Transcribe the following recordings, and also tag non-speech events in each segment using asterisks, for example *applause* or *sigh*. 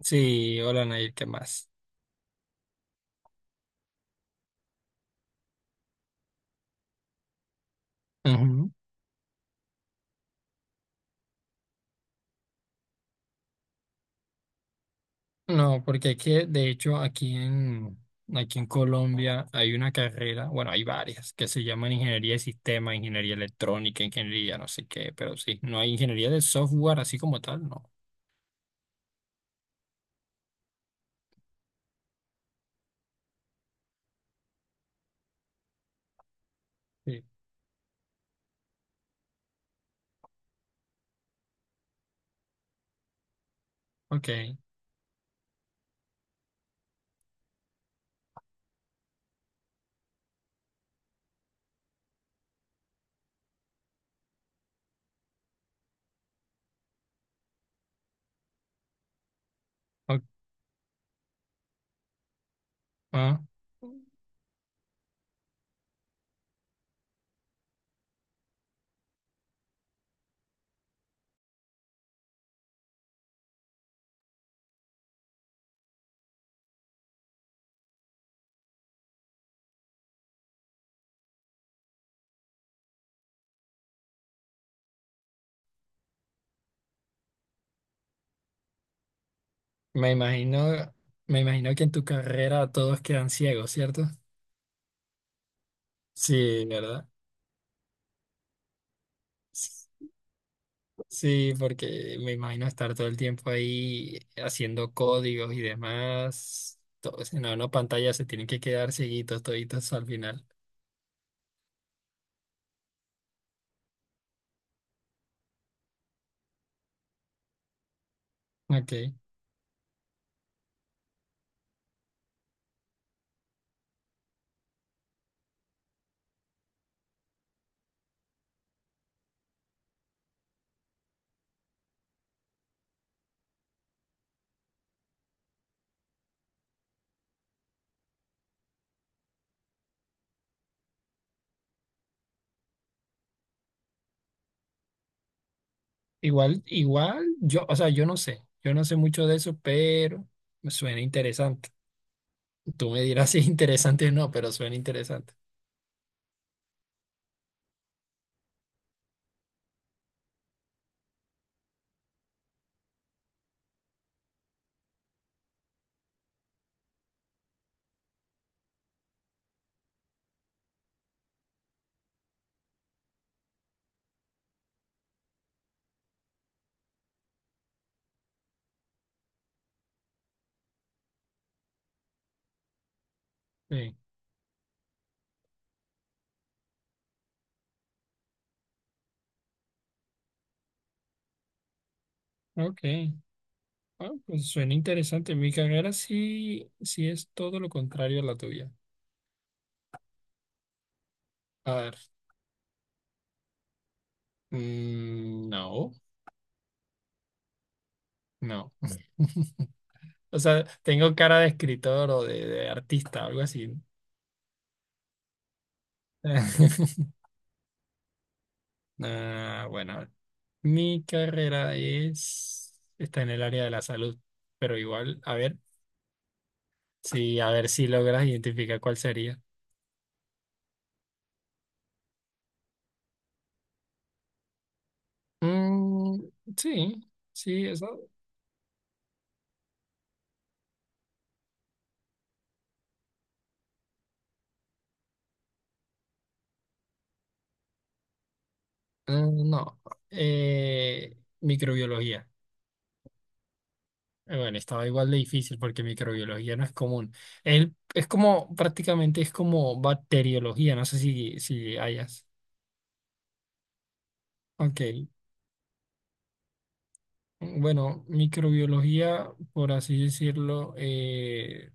Sí, hola Nair, ¿qué más? Ujú. No, porque aquí, de hecho, aquí en Colombia hay una carrera, bueno, hay varias, que se llaman ingeniería de sistema, ingeniería electrónica, ingeniería no sé qué, pero sí, no hay ingeniería de software así como tal, no. Sí, ok. o- ah, Me imagino, me imagino que en tu carrera todos quedan ciegos, ¿cierto? Sí, ¿verdad? Sí, porque me imagino estar todo el tiempo ahí haciendo códigos y demás. Todo, si no, no, pantalla se tienen que quedar seguidos toditos al final. Ok. Igual, igual, o sea, yo no sé. Yo no sé mucho de eso, pero me suena interesante. Tú me dirás *laughs* si es interesante o no, pero suena interesante. Sí. Ok. Ah, pues suena interesante. Mi carrera sí, sí es todo lo contrario a la tuya. A ver. No, no. *laughs* O sea, tengo cara de escritor o de artista, algo así. *laughs* Ah, bueno, mi carrera es, está en el área de la salud, pero igual, a ver, sí, a ver si logras identificar cuál sería. Mm, sí, sí, eso. eh, no, microbiología. Bueno, estaba igual de difícil porque microbiología no es común. Es como, prácticamente es como bacteriología, no sé si, si hayas. Ok, bueno, microbiología, por así decirlo,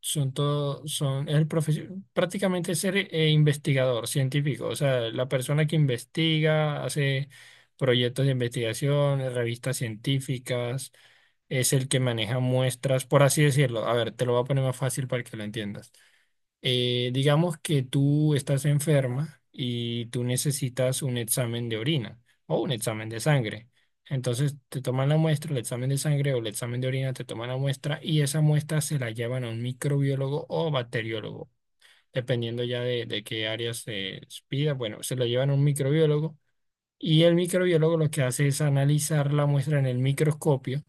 son todo, son, es el prácticamente ser investigador científico, o sea, la persona que investiga, hace proyectos de investigación, revistas científicas, es el que maneja muestras, por así decirlo. A ver, te lo voy a poner más fácil para que lo entiendas. Digamos que tú estás enferma y tú necesitas un examen de orina o un examen de sangre. Entonces te toman la muestra, el examen de sangre o el examen de orina, te toman la muestra y esa muestra se la llevan a un microbiólogo o bacteriólogo, dependiendo ya de qué área se pida. Bueno, se lo llevan a un microbiólogo y el microbiólogo lo que hace es analizar la muestra en el microscopio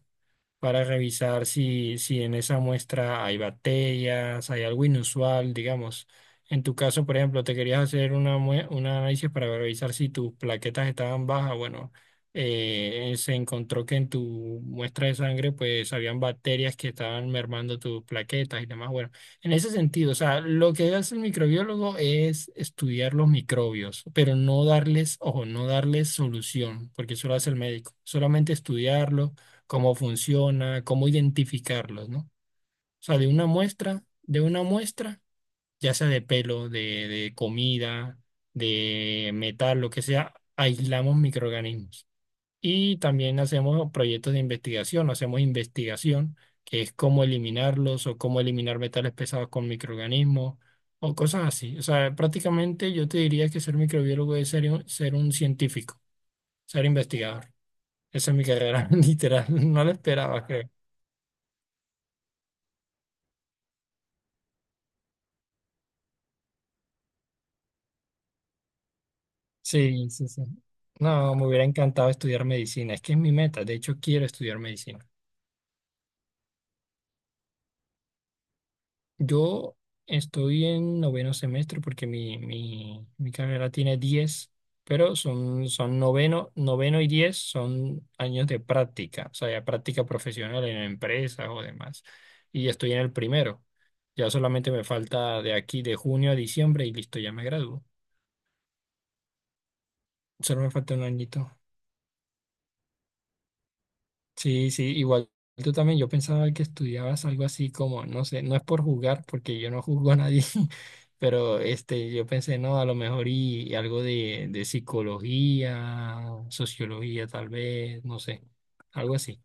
para revisar si, si en esa muestra hay bacterias, hay algo inusual, digamos. En tu caso, por ejemplo, te querías hacer una, un análisis para revisar si tus plaquetas estaban bajas. Bueno, se encontró que en tu muestra de sangre, pues, habían bacterias que estaban mermando tus plaquetas y demás. Bueno, en ese sentido, o sea, lo que hace el microbiólogo es estudiar los microbios, pero no darles, ojo, no darles solución, porque eso lo hace el médico. Solamente estudiarlo cómo funciona, cómo identificarlos, ¿no? O sea, de una muestra, ya sea de pelo, de comida, de metal, lo que sea, aislamos microorganismos. Y también hacemos proyectos de investigación, hacemos investigación, que es cómo eliminarlos o cómo eliminar metales pesados con microorganismos o cosas así. O sea, prácticamente yo te diría que ser microbiólogo es ser un científico, ser investigador. Esa es mi carrera, *laughs* literal, no la esperaba, creo. Sí, sí, sí. No, me hubiera encantado estudiar medicina. Es que es mi meta. De hecho, quiero estudiar medicina. Yo estoy en noveno semestre porque mi carrera tiene 10, pero son, son noveno, noveno y 10 son años de práctica, o sea, ya práctica profesional en empresas o demás. Y estoy en el primero. Ya solamente me falta de aquí, de junio a diciembre, y listo, ya me gradúo. Solo me falta un añito. Sí, sí, igual tú también, yo pensaba que estudiabas algo así como, no sé, no es por jugar, porque yo no juzgo a nadie, *laughs* pero este, yo pensé, no, a lo mejor y algo de psicología, sociología tal vez, no sé, algo así.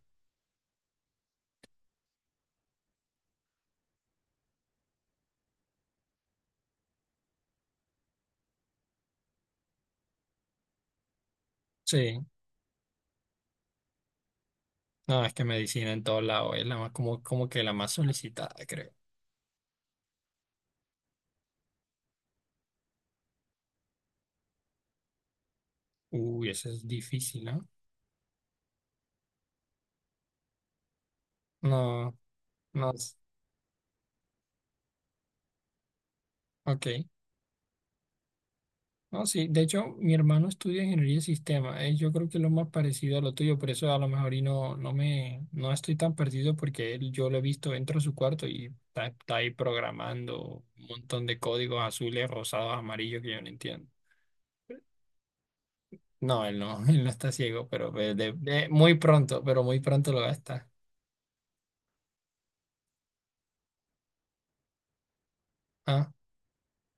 Sí, no, es que medicina en todos lados es la más, como, como que la más solicitada, creo. Uy, eso es difícil, ¿no? No, no, ok. No, sí, de hecho, mi hermano estudia ingeniería de sistemas. Yo creo que es lo más parecido a lo tuyo, por eso a lo mejor y no, no me, no estoy tan perdido porque él, yo lo he visto, entro a su cuarto y está, está ahí programando un montón de códigos azules, rosados, amarillos que yo no entiendo. No, él no, *laughs* él no está ciego, pero muy pronto, pero muy pronto lo va a estar. Ah,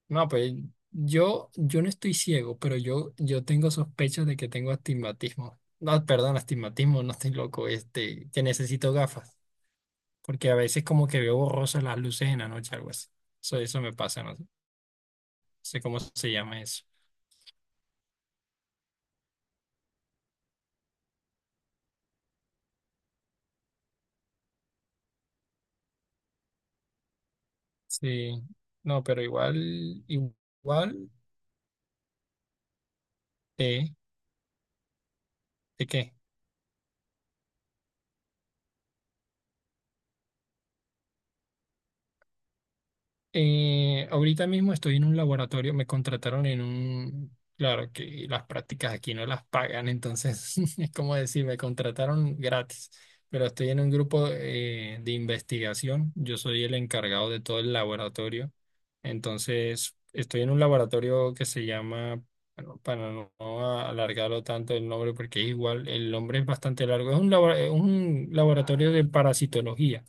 no, pues yo no estoy ciego, pero yo tengo sospechas de que tengo astigmatismo. No, perdón, astigmatismo, no estoy loco, este, que necesito gafas. Porque a veces como que veo borrosas las luces en la noche, algo así. Eso me pasa, no sé cómo se llama eso. Sí, no, pero igual, igual de, ¿de qué? Ahorita mismo estoy en un laboratorio, me contrataron en un, claro que las prácticas aquí no las pagan, entonces *laughs* es como decir, me contrataron gratis, pero estoy en un grupo de investigación, yo soy el encargado de todo el laboratorio, entonces estoy en un laboratorio que se llama, bueno, para no alargarlo tanto el nombre, porque es igual, el nombre es bastante largo, es un, es un laboratorio de parasitología.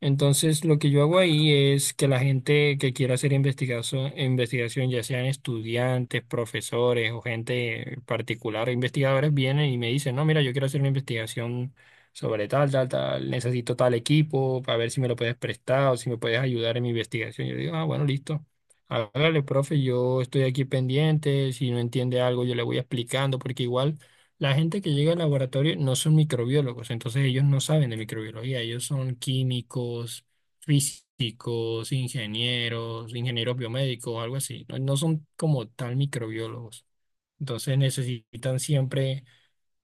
Entonces, lo que yo hago ahí es que la gente que quiera hacer investigación, investigación, ya sean estudiantes, profesores o gente particular, investigadores, vienen y me dicen, no, mira, yo quiero hacer una investigación sobre tal, tal, tal, necesito tal equipo para ver si me lo puedes prestar o si me puedes ayudar en mi investigación. Yo digo, ah, bueno, listo. Hágale, profe, yo estoy aquí pendiente, si no entiende algo, yo le voy explicando, porque igual... La gente que llega al laboratorio no son microbiólogos, entonces ellos no saben de microbiología, ellos son químicos, físicos, ingenieros, ingenieros biomédicos, algo así. No, no son como tal microbiólogos. Entonces necesitan siempre,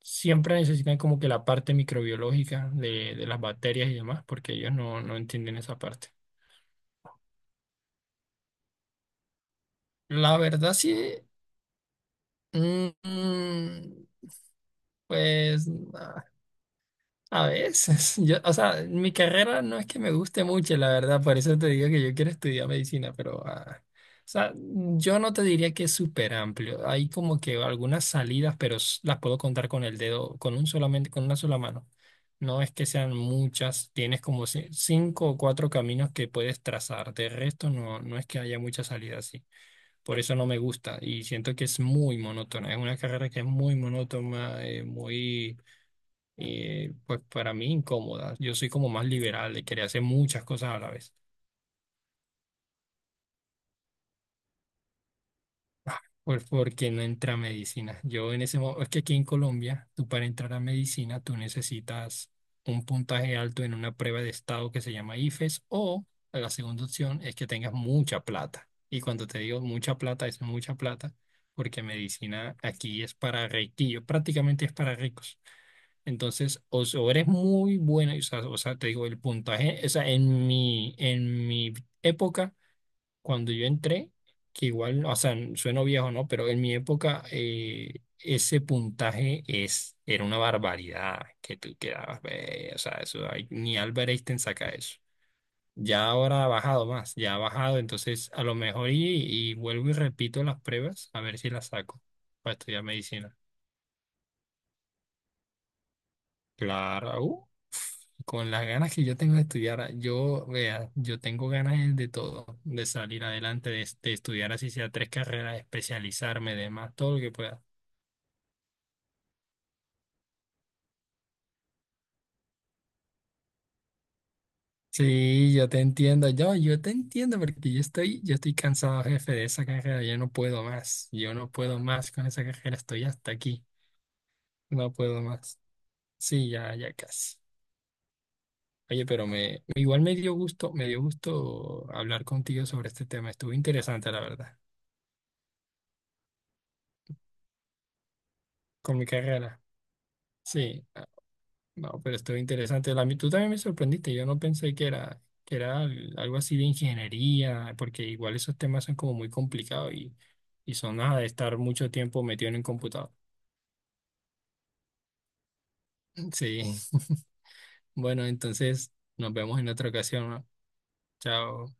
siempre necesitan como que la parte microbiológica de las bacterias y demás, porque ellos no, no entienden esa parte. La verdad sí, mm, mm, pues... A veces, *laughs* yo, o sea, mi carrera no es que me guste mucho, la verdad, por eso te digo que yo quiero estudiar medicina, pero, ah, o sea, yo no te diría que es súper amplio. Hay como que algunas salidas, pero las puedo contar con el dedo, con un solamente, con una sola mano. No es que sean muchas, tienes como cinco o cuatro caminos que puedes trazar. De resto, no, no es que haya muchas salidas así. Por eso no me gusta y siento que es muy monótona. Es una carrera que es muy monótona, muy pues para mí incómoda. Yo soy como más liberal, de querer hacer muchas cosas a la vez. Pues porque no entra a medicina. Yo en ese momento, es que aquí en Colombia, tú para entrar a medicina, tú necesitas un puntaje alto en una prueba de estado que se llama IFES o la segunda opción es que tengas mucha plata. Y cuando te digo mucha plata, es mucha plata, porque medicina aquí es para ricos, prácticamente es para ricos. Entonces, o eres muy buena, o sea, te digo, el puntaje, o sea, en mi época, cuando yo entré, que igual, o sea, sueno viejo, ¿no? Pero en mi época, ese puntaje es, era una barbaridad que tú quedabas, ve, o sea, eso, ni Albert Einstein saca eso. Ya ahora ha bajado más, ya ha bajado, entonces a lo mejor y vuelvo y repito las pruebas, a ver si las saco para estudiar medicina. Claro, con las ganas que yo tengo de estudiar, yo, vea, yo tengo ganas de todo, de salir adelante, de estudiar así sea tres carreras, especializarme, demás, todo lo que pueda. Sí, yo te entiendo, yo te entiendo porque yo estoy cansado, jefe, de esa carrera, yo no puedo más, yo no puedo más con esa carrera, estoy hasta aquí, no puedo más. Sí, ya, ya casi. Oye, pero me, igual me dio gusto hablar contigo sobre este tema, estuvo interesante, la verdad, con mi carrera. Sí, ah, no, pero estuvo interesante. Tú también me sorprendiste, yo no pensé que era algo así de ingeniería, porque igual esos temas son como muy complicados y son nada de estar mucho tiempo metido en un computador. *clears throat* Sí, *laughs* bueno, entonces nos vemos en otra ocasión, ¿no? Chao.